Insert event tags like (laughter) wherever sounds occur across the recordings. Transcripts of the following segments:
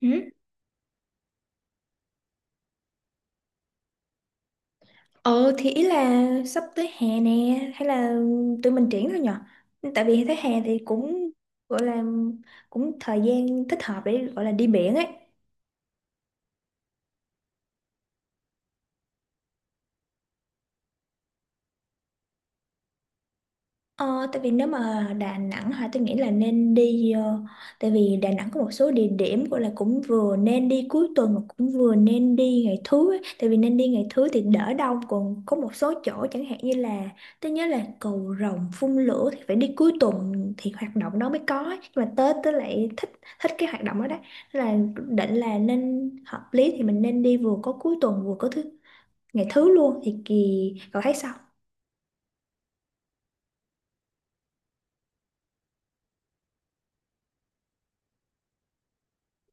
Ừ. Ờ thì ý là sắp tới hè nè hay là tụi mình triển thôi nhở, tại vì thấy hè thì cũng gọi là cũng thời gian thích hợp để gọi là đi biển ấy. Ờ, tại vì nếu mà Đà Nẵng hả tôi nghĩ là nên đi, tại vì Đà Nẵng có một số địa điểm gọi là cũng vừa nên đi cuối tuần mà cũng vừa nên đi ngày thứ ấy. Tại vì nên đi ngày thứ thì đỡ đông, còn có một số chỗ chẳng hạn như là tôi nhớ là cầu Rồng phun lửa thì phải đi cuối tuần thì hoạt động đó mới có ấy. Nhưng mà Tết tôi lại thích, thích cái hoạt động đó đấy. Nên là định là nên hợp lý thì mình nên đi vừa có cuối tuần vừa có thứ, ngày thứ luôn thì kỳ, cậu thấy sao?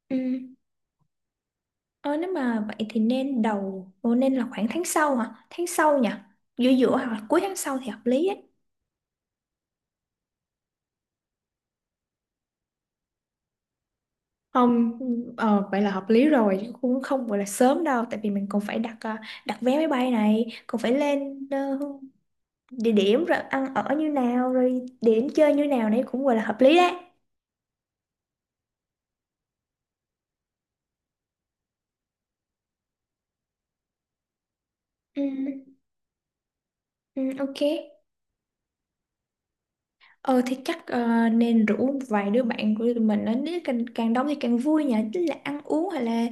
Ừ. Ờ, nếu mà vậy thì nên đầu, Ồ, nên là khoảng tháng sau hả? Tháng sau nhỉ? Giữa giữa hoặc là cuối tháng sau thì hợp lý ấy. Không, ờ, vậy là hợp lý rồi chứ cũng không gọi là sớm đâu, tại vì mình còn phải đặt đặt vé máy bay này, còn phải lên địa điểm rồi ăn ở như nào, rồi địa điểm chơi như nào, đấy cũng gọi là hợp lý đấy. Ừ, ừ, ok. Ờ thì chắc ờ, nên rủ vài đứa bạn của tụi mình đến, nếu càng đông thì càng vui nhỉ, tức là ăn uống hay là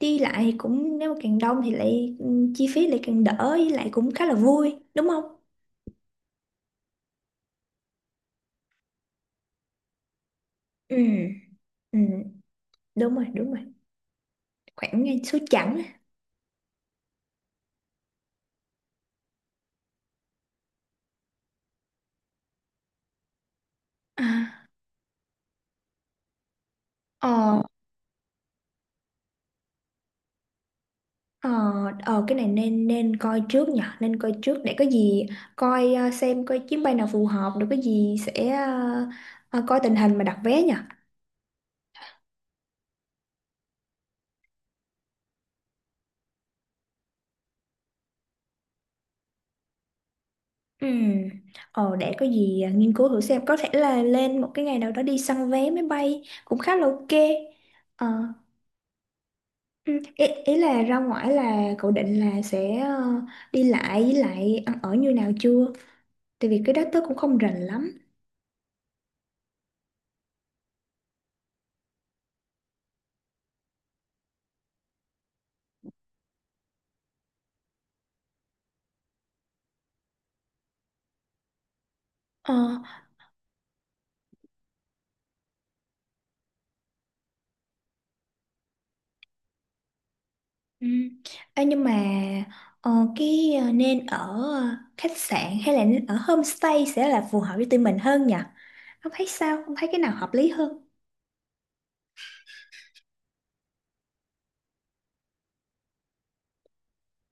đi lại thì cũng nếu mà càng đông thì lại ừ, chi phí lại càng đỡ, với lại cũng khá là vui đúng không. Ừ, ừ, đúng rồi, đúng rồi, khoảng ngay số chẵn á. à, ờ ờ cái này nên nên coi trước nhỉ, nên coi trước để có gì coi, ờ, xem coi chuyến bay nào phù hợp, rồi có gì sẽ ờ, coi tình hình mà đặt vé nhỉ. Ừ. Ờ, để có gì à, nghiên cứu thử xem có thể là lên một cái ngày nào đó đi săn vé máy bay cũng khá là ok. Ờ, ừ. Ý, ý là ra ngoài là cậu định là sẽ ờ, đi lại với lại ăn ở như nào chưa, tại vì cái đó tớ cũng không rành lắm. Ờ, ừ. Ê, nhưng mà ờ, cái ờ, nên ở ờ, khách sạn hay là nên ở homestay sẽ là phù hợp với tụi mình hơn nhỉ, không thấy sao, không thấy cái nào hợp lý hơn.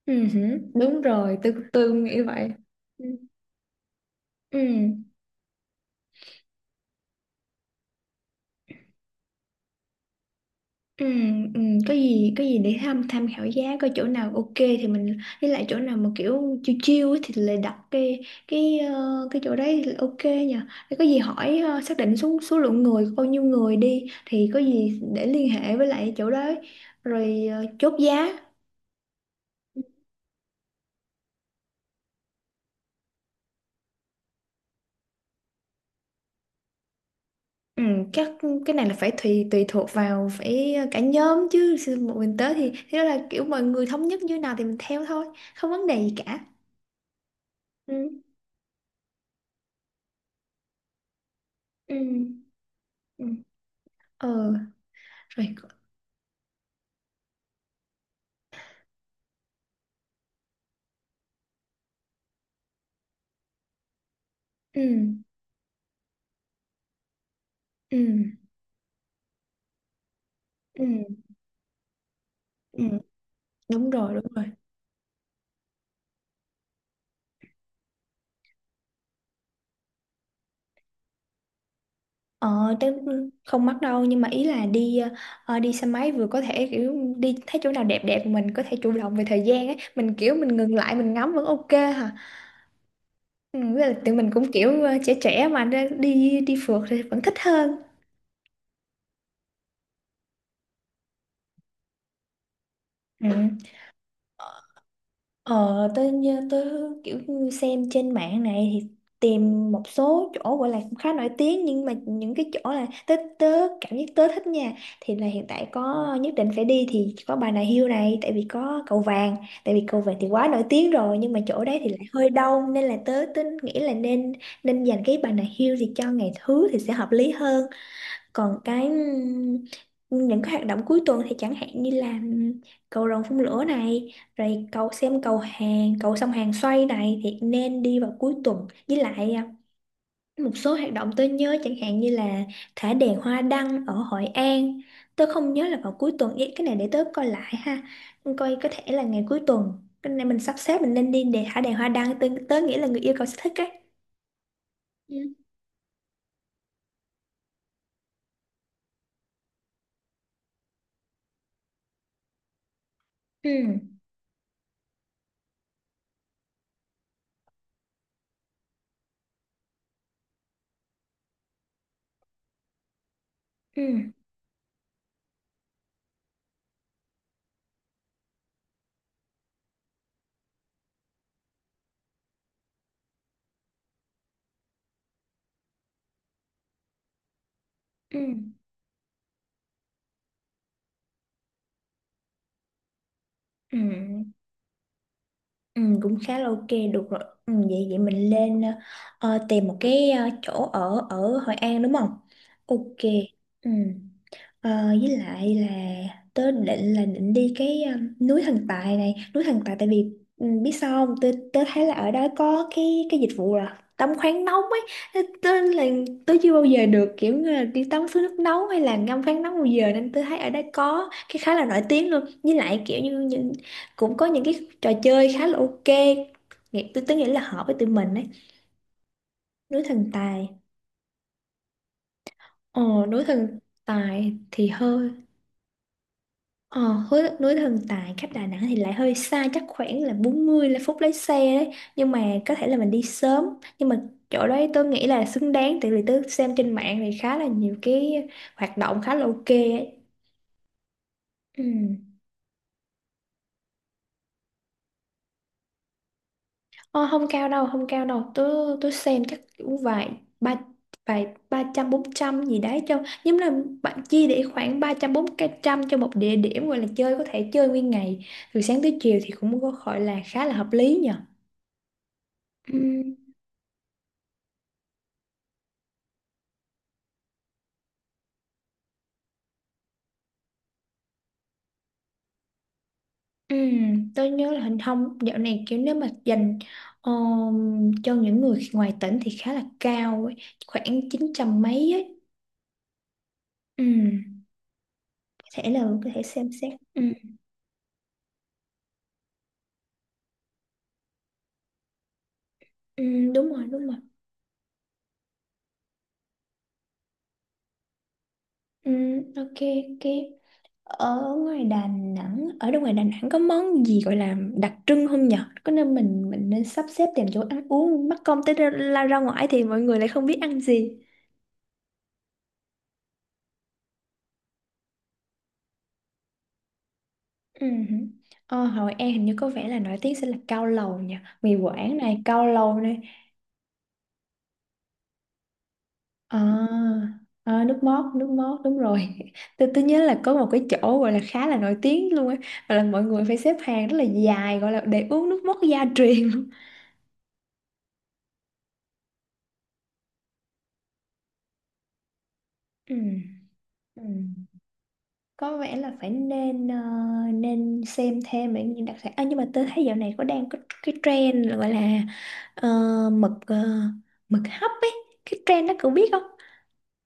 Ừ hử. Đúng rồi, tôi cũng nghĩ vậy. Ừ, ừ, ừ, có gì để tham tham khảo giá, coi chỗ nào ok thì mình, với lại chỗ nào mà kiểu chiêu chiêu thì lại đặt cái ờ, cái chỗ đấy thì ok nha. Để có gì hỏi ờ, xác định số số lượng người, bao nhiêu người đi thì có gì để liên hệ với lại chỗ đấy rồi ờ, chốt giá. Ừ, các cái này là phải tùy tùy thuộc vào phải cả nhóm chứ Sư- một mình tới thì thế, đó là kiểu mọi người thống nhất như nào thì mình theo thôi, không vấn đề gì cả. Ừ, ừ, ừ. Ờ. Rồi có- ừ, ừ, ừ, ừ, đúng rồi, đúng rồi. Ờ tớ không mắc đâu, nhưng mà ý là đi ờ, đi xe máy vừa có thể kiểu đi thấy chỗ nào đẹp đẹp mình có thể chủ động về thời gian ấy, mình kiểu mình ngừng lại mình ngắm vẫn ok hả. Ừ, với lại tụi mình cũng kiểu ờ, trẻ trẻ mà nên đi đi phượt thì vẫn thích hơn. Ừ. Ờ, tôi như tôi kiểu như xem trên mạng này thì tìm một số chỗ gọi là cũng khá nổi tiếng, nhưng mà những cái chỗ là tớ tớ cảm giác tớ thích nha, thì là hiện tại có nhất định phải đi thì có Bà Nà Hills này, tại vì có cầu vàng, tại vì cầu vàng thì quá nổi tiếng rồi nhưng mà chỗ đấy thì lại hơi đông, nên là tớ tớ nghĩ là nên, nên dành cái Bà Nà Hills thì cho ngày thứ thì sẽ hợp lý hơn. Còn cái những cái hoạt động cuối tuần thì chẳng hạn như là cầu rồng phun lửa này, rồi cầu xem cầu hàng cầu sông Hàn xoay này thì nên đi vào cuối tuần, với lại à, một số hoạt động tôi nhớ chẳng hạn như là thả đèn hoa đăng ở Hội An, tôi không nhớ là vào cuối tuần. Ý, cái này để tớ coi lại ha, coi có thể là ngày cuối tuần, cái này mình sắp xếp mình nên đi để thả đèn hoa đăng, tớ nghĩ là người yêu cầu sẽ thích ấy. Ừ. Ừ. Ừ. Ừ. Ừ. Ừ, cũng khá là ok, được rồi, ừ, vậy vậy mình lên ờ, tìm một cái ờ, chỗ ở ở Hội An đúng không, ok. Ừ. Ờ, với lại là tớ định là định đi cái núi Thần Tài này, núi Thần Tài tại vì biết sao không, tớ thấy là ở đó có cái dịch vụ là tắm khoáng nóng ấy. Thế tớ là tớ chưa bao giờ được kiểu như là đi tắm suối nước nóng hay là ngâm khoáng nóng bao giờ, nên tớ thấy ở đó có cái khá là nổi tiếng luôn, với lại kiểu như những, cũng có những cái trò chơi khá là ok, nghĩ tớ nghĩ là hợp với tụi mình ấy, núi Thần Tài. Ồ, núi Thần Tài thì hơi, Ờ, hối núi Thần Tài cách Đà Nẵng thì lại hơi xa, chắc khoảng là 40 là phút lái xe đấy, nhưng mà có thể là mình đi sớm, nhưng mà chỗ đấy tôi nghĩ là xứng đáng, tại vì tôi xem trên mạng thì khá là nhiều cái hoạt động khá là ok ấy. Ừ. Ờ, không cao đâu, không cao đâu, tôi xem chắc cũng vài ba, vài ba trăm bốn trăm gì đấy cho nhưng là bạn chia, để khoảng ba trăm bốn trăm cho một địa điểm gọi là chơi, có thể chơi nguyên ngày từ sáng tới chiều thì cũng có gọi là khá là hợp lý nhỉ. Ừ, tôi nhớ là hình thông dạo này kiểu nếu mà dành cho những người ngoài tỉnh thì khá là cao ấy, khoảng 900 mấy ấy. Ừ, có thể là có thể xem xét. Ừ, ừ, đúng rồi, đúng rồi. Ừ, ok, ok. Ở ngoài Đà Nẵng, ở đâu ngoài Đà Nẵng có món gì gọi là đặc trưng không nhở? Có nên mình nên sắp xếp tìm chỗ ăn uống, mắc công tới ra, la ra ngoài thì mọi người lại không biết ăn gì. Ừ. Ờ, Hội An hình như có vẻ là nổi tiếng sẽ là cao lầu nha, mì Quảng này, cao lầu này. À, à, nước mót, nước mót đúng rồi (laughs) tôi nhớ là có một cái chỗ gọi là khá là nổi tiếng luôn ấy, gọi là mọi người phải xếp hàng rất là dài gọi là để uống nước mót gia (laughs) truyền luôn. Ừ. Ừ. Có vẻ là phải nên ờ, nên xem thêm về những đặc sản à, nhưng mà tôi thấy dạo này có đang có cái trend là gọi là ờ, ờ, mực hấp ấy, cái trend đó cậu biết không,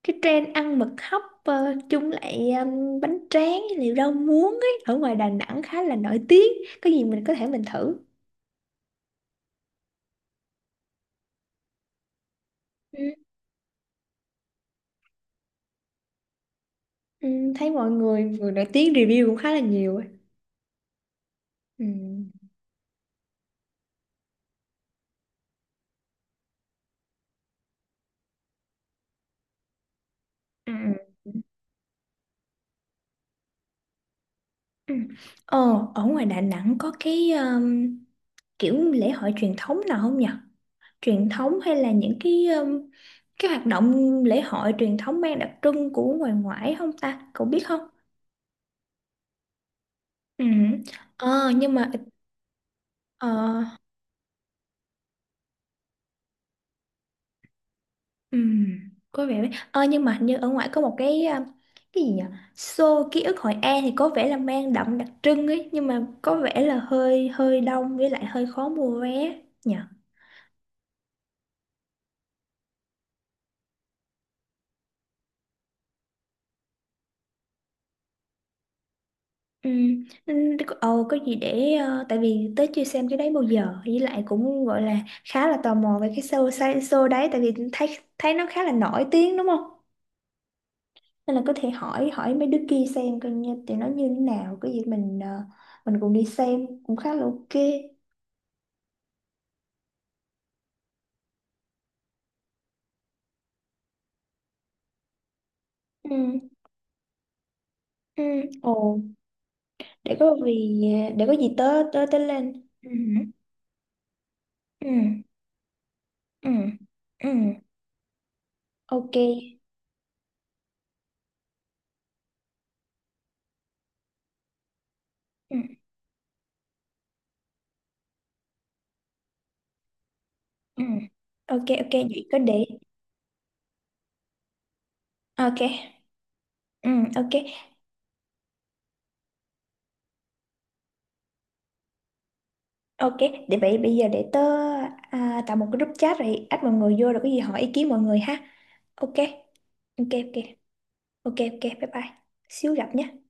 cái trend ăn mực hấp ờ, chung lại bánh tráng liệu rau muống ấy, ở ngoài Đà Nẵng khá là nổi tiếng, có gì mình có thể mình thử. Ừ. Ừ, thấy mọi người người nổi tiếng review cũng khá là nhiều ấy. Ừ. Ừ. Ừ. Ờ, ở ngoài Đà Nẵng có cái kiểu lễ hội truyền thống nào không nhỉ? Truyền thống hay là những cái hoạt động lễ hội truyền thống mang đặc trưng của ngoài ngoại không ta? Cậu biết không? Ừ. Ờ, nhưng mà ờ, Ừ, có vẻ đấy. Ờ, nhưng mà hình như ở ngoài có một cái à, cái gì nhỉ? Show ký ức Hội An thì có vẻ là mang đậm đặc trưng ấy, nhưng mà có vẻ là hơi hơi đông, với lại hơi khó mua vé nhỉ. Ừ, nên ờ, có gì để ờ, tại vì tới chưa xem cái đấy bao giờ, với lại cũng gọi là khá là tò mò về cái show, show đấy tại vì thấy thấy nó khá là nổi tiếng đúng không? Nên là có thể hỏi hỏi mấy đứa kia xem coi như tụi nó như thế nào, cái gì mình ờ, mình cùng đi xem cũng khá là ok. Ừ. Ừ. Ồ, để có vì để có gì tớ tớ tớ lên. Ừ. Ừ. Ừ. Ừ. Ok. Ừ. Ừ. Ok ok vậy có để ok. Ừ ok. Ok, để vậy bây giờ để tớ à, tạo một cái group chat rồi add mọi người vô rồi có gì hỏi ý kiến mọi người ha. Ok. Ok ok. Ok ok bye bye. Xíu gặp nhé.